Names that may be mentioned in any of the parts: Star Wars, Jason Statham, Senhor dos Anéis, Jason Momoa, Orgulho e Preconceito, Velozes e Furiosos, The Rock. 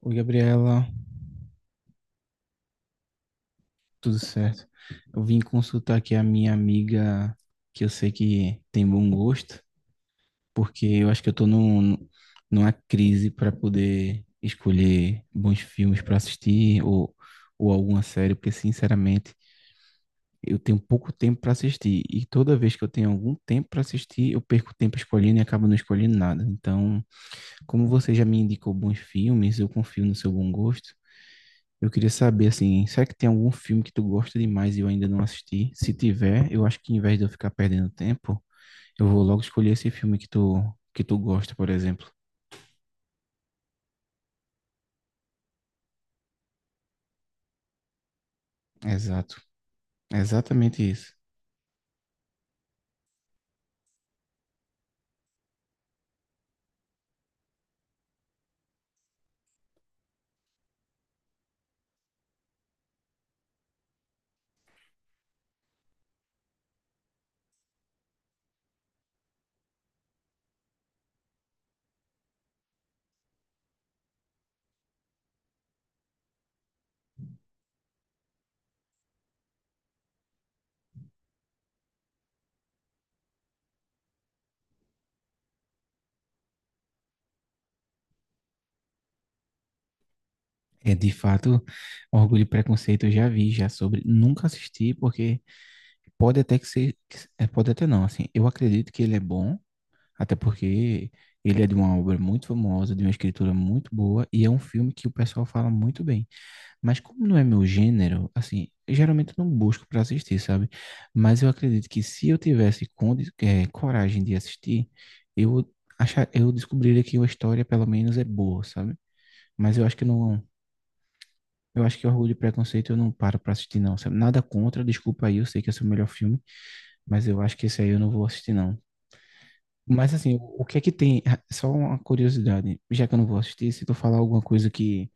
Oi, Gabriela, tudo certo? Eu vim consultar aqui a minha amiga, que eu sei que tem bom gosto, porque eu acho que eu tô numa crise para poder escolher bons filmes para assistir ou alguma série, porque sinceramente eu tenho pouco tempo para assistir e toda vez que eu tenho algum tempo para assistir, eu perco tempo escolhendo e acabo não escolhendo nada. Então, como você já me indicou bons filmes, eu confio no seu bom gosto. Eu queria saber, assim, será que tem algum filme que tu gosta demais e eu ainda não assisti? Se tiver, eu acho que em vez de eu ficar perdendo tempo, eu vou logo escolher esse filme que tu gosta, por exemplo. Exato. É exatamente isso. É de fato, Orgulho e Preconceito eu já vi, já sobre, nunca assisti, porque pode até que ser, que se- é, pode até não, assim, eu acredito que ele é bom, até porque ele é de uma obra muito famosa, de uma escritura muito boa, e é um filme que o pessoal fala muito bem. Mas como não é meu gênero, assim, geralmente eu não busco para assistir, sabe? Mas eu acredito que se eu tivesse coragem de assistir, eu eu descobriria que a história pelo menos é boa, sabe? Mas eu acho que não, eu acho que Orgulho e Preconceito eu não paro para assistir não, sabe? Nada contra, desculpa aí, eu sei que esse é o melhor filme, mas eu acho que esse aí eu não vou assistir não. Mas assim, o que é que tem? Ah, só uma curiosidade, já que eu não vou assistir, se tu falar alguma coisa que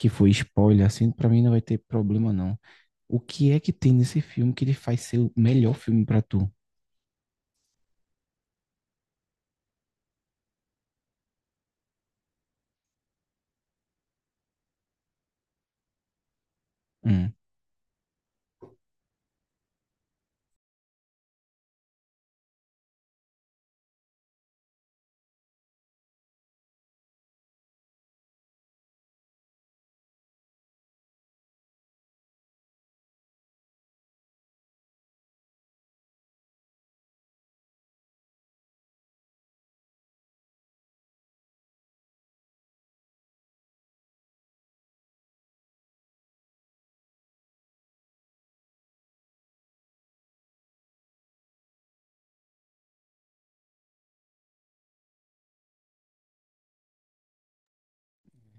que foi spoiler assim, para mim não vai ter problema não. O que é que tem nesse filme que ele faz ser o melhor filme pra tu? Hum.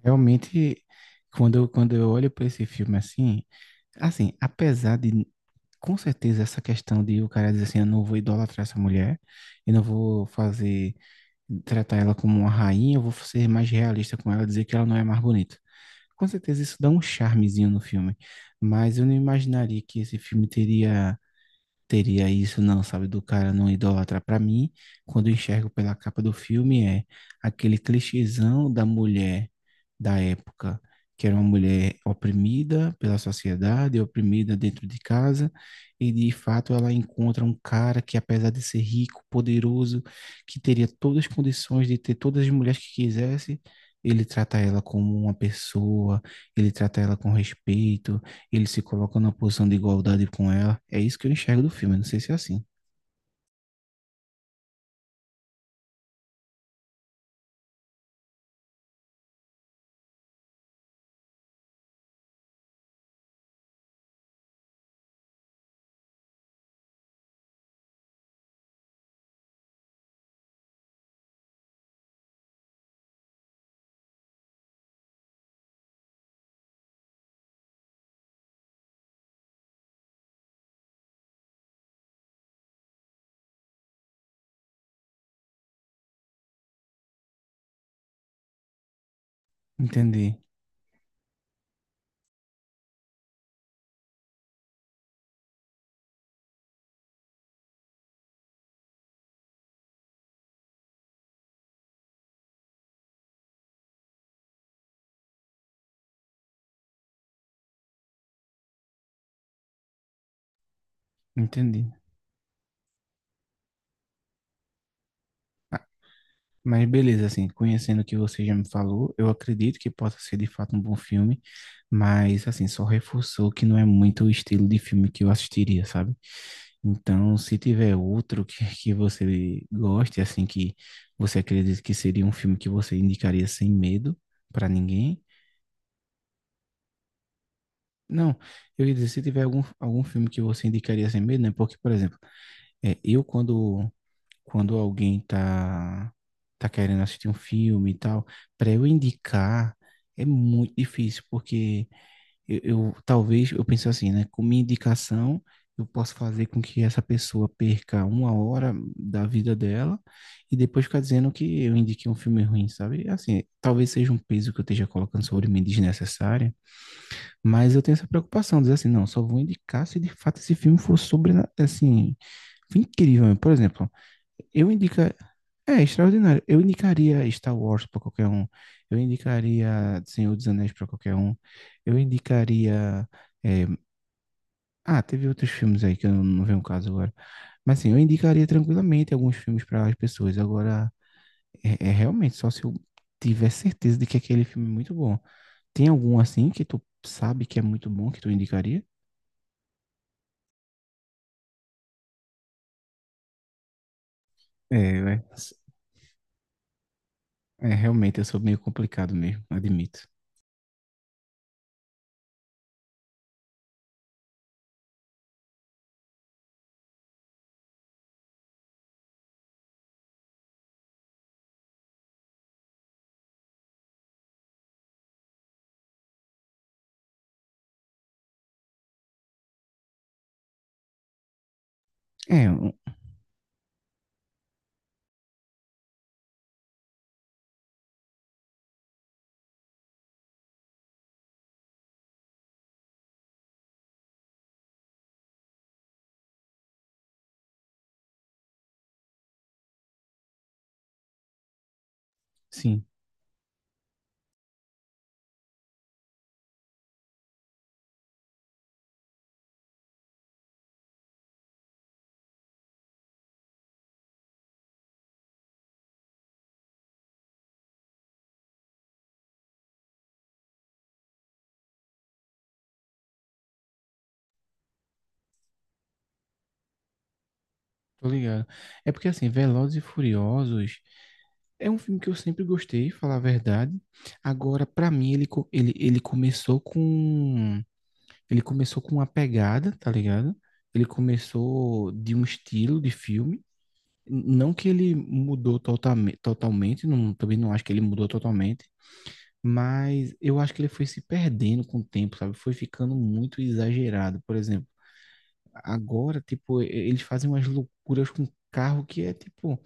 Realmente, quando eu olho pra esse filme assim, assim, apesar de, com certeza, essa questão de o cara dizer assim, eu não vou idolatrar essa mulher, eu não vou fazer, tratar ela como uma rainha, eu vou ser mais realista com ela, dizer que ela não é mais bonita. Com certeza isso dá um charmezinho no filme, mas eu não imaginaria que esse filme teria teria isso, não, sabe? Do cara não idolatra. Para mim, quando eu enxergo pela capa do filme, é aquele clichêzão da mulher da época, que era uma mulher oprimida pela sociedade, oprimida dentro de casa, e de fato ela encontra um cara que, apesar de ser rico, poderoso, que teria todas as condições de ter todas as mulheres que quisesse. Ele trata ela como uma pessoa, ele trata ela com respeito, ele se coloca numa posição de igualdade com ela. É isso que eu enxergo do filme, não sei se é assim. Entendi, entendi. Ah, mas beleza, assim, conhecendo o que você já me falou, eu acredito que possa ser de fato um bom filme, mas assim, só reforçou que não é muito o estilo de filme que eu assistiria, sabe? Então, se tiver outro que, que você goste, assim, que você acredita que seria um filme que você indicaria sem medo pra ninguém. Não, eu ia dizer, se tiver algum, algum filme que você indicaria sem medo, né? Porque, por exemplo, é, eu quando alguém tá querendo assistir um filme e tal, para eu indicar é muito difícil, porque talvez eu penso assim, né? Com minha indicação, eu posso fazer com que essa pessoa perca uma hora da vida dela e depois ficar dizendo que eu indiquei um filme ruim, sabe? Assim, talvez seja um peso que eu esteja colocando sobre mim desnecessária, mas eu tenho essa preocupação, dizer assim, não, só vou indicar se de fato esse filme for sobre, assim, incrível. Por exemplo, eu indica, é extraordinário. Eu indicaria Star Wars para qualquer um. Eu indicaria Senhor dos Anéis para qualquer um. Eu indicaria. eh, Ah, teve outros filmes aí que eu não vejo um caso agora. Mas assim, eu indicaria tranquilamente alguns filmes para as pessoas. Agora, realmente só se eu tiver certeza de que aquele filme é muito bom. Tem algum assim que tu sabe que é muito bom que tu indicaria? É, né? É, realmente eu sou meio complicado mesmo, admito. É, sim, tô ligado. É porque assim, Velozes e Furiosos. É um filme que eu sempre gostei, falar a verdade. Agora, pra mim, ele começou com. Ele começou com uma pegada, tá ligado? Ele começou de um estilo de filme. Não que ele mudou totalmente, não, também não acho que ele mudou totalmente, mas eu acho que ele foi se perdendo com o tempo, sabe? Foi ficando muito exagerado. Por exemplo, agora, tipo, eles fazem umas loucuras com carro que é tipo.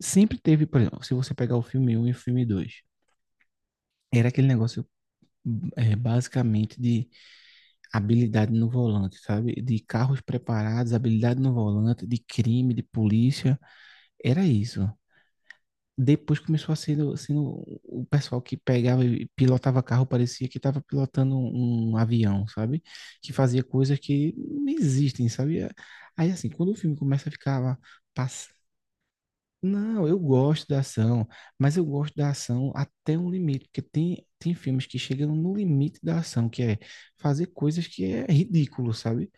Sempre teve, por exemplo, se você pegar o filme um e o filme 2. Era aquele negócio é, basicamente de habilidade no volante, sabe? De carros preparados, habilidade no volante, de crime, de polícia. Era isso. Depois começou a ser sendo o pessoal que pegava e pilotava carro, parecia que estava pilotando um avião, sabe? Que fazia coisas que não existem, sabe? Aí, assim, quando o filme começa a ficar pass- não, eu gosto da ação, mas eu gosto da ação até um limite, porque tem filmes que chegam no limite da ação, que é fazer coisas que é ridículo, sabe?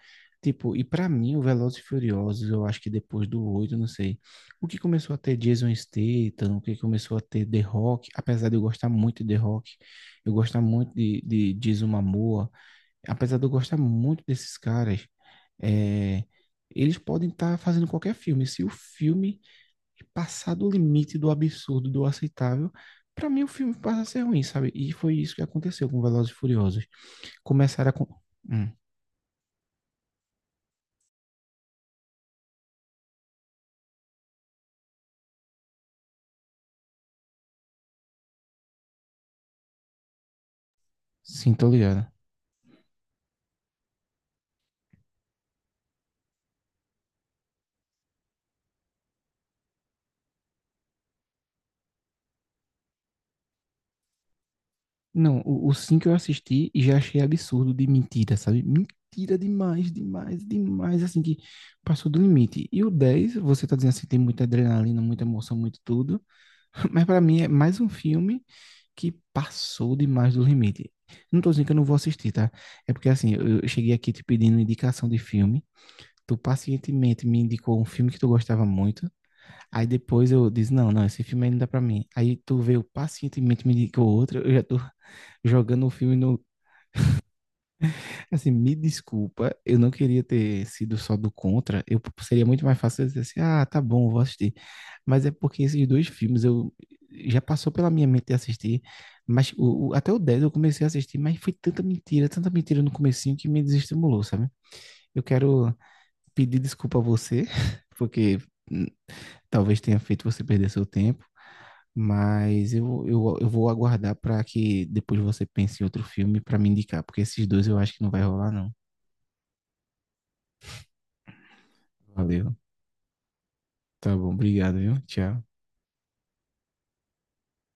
Tipo, e pra mim, o Velozes e Furiosos, eu acho que depois do 8, não sei, o que começou a ter Jason Statham, o que começou a ter The Rock, apesar de eu gostar muito de The Rock, eu gostar muito de Jason Momoa, apesar de eu gostar muito desses caras, é, eles podem estar fazendo qualquer filme, se o filme e passar do limite do absurdo, do aceitável, para mim o filme passa a ser ruim, sabe? E foi isso que aconteceu com Velozes e Furiosos. Começaram a... con- Hum, sim, tô ligado. Não, o 5 eu assisti e já achei absurdo de mentira, sabe? Mentira demais, demais, demais, assim, que passou do limite. E o 10 você tá dizendo assim, tem muita adrenalina, muita emoção, muito tudo, mas pra mim é mais um filme que passou demais do limite. Não tô dizendo que eu não vou assistir, tá? É porque, assim, eu cheguei aqui te pedindo indicação de filme. Tu pacientemente me indicou um filme que tu gostava muito. Aí depois eu disse, não, não, esse filme aí não dá pra mim. Aí tu veio pacientemente me indicou outro. Eu já tô jogando o filme no... Assim, me desculpa, eu não queria ter sido só do contra. Eu seria muito mais fácil eu dizer assim, ah, tá bom, vou assistir. Mas é porque esses dois filmes eu já passou pela minha mente de assistir, mas até o 10 eu comecei a assistir, mas foi tanta mentira no comecinho que me desestimulou, sabe? Eu quero pedir desculpa a você, porque talvez tenha feito você perder seu tempo, mas eu vou aguardar para que depois você pense em outro filme para me indicar, porque esses dois eu acho que não vai rolar, não. Valeu. Tá bom, obrigado, viu? Tchau.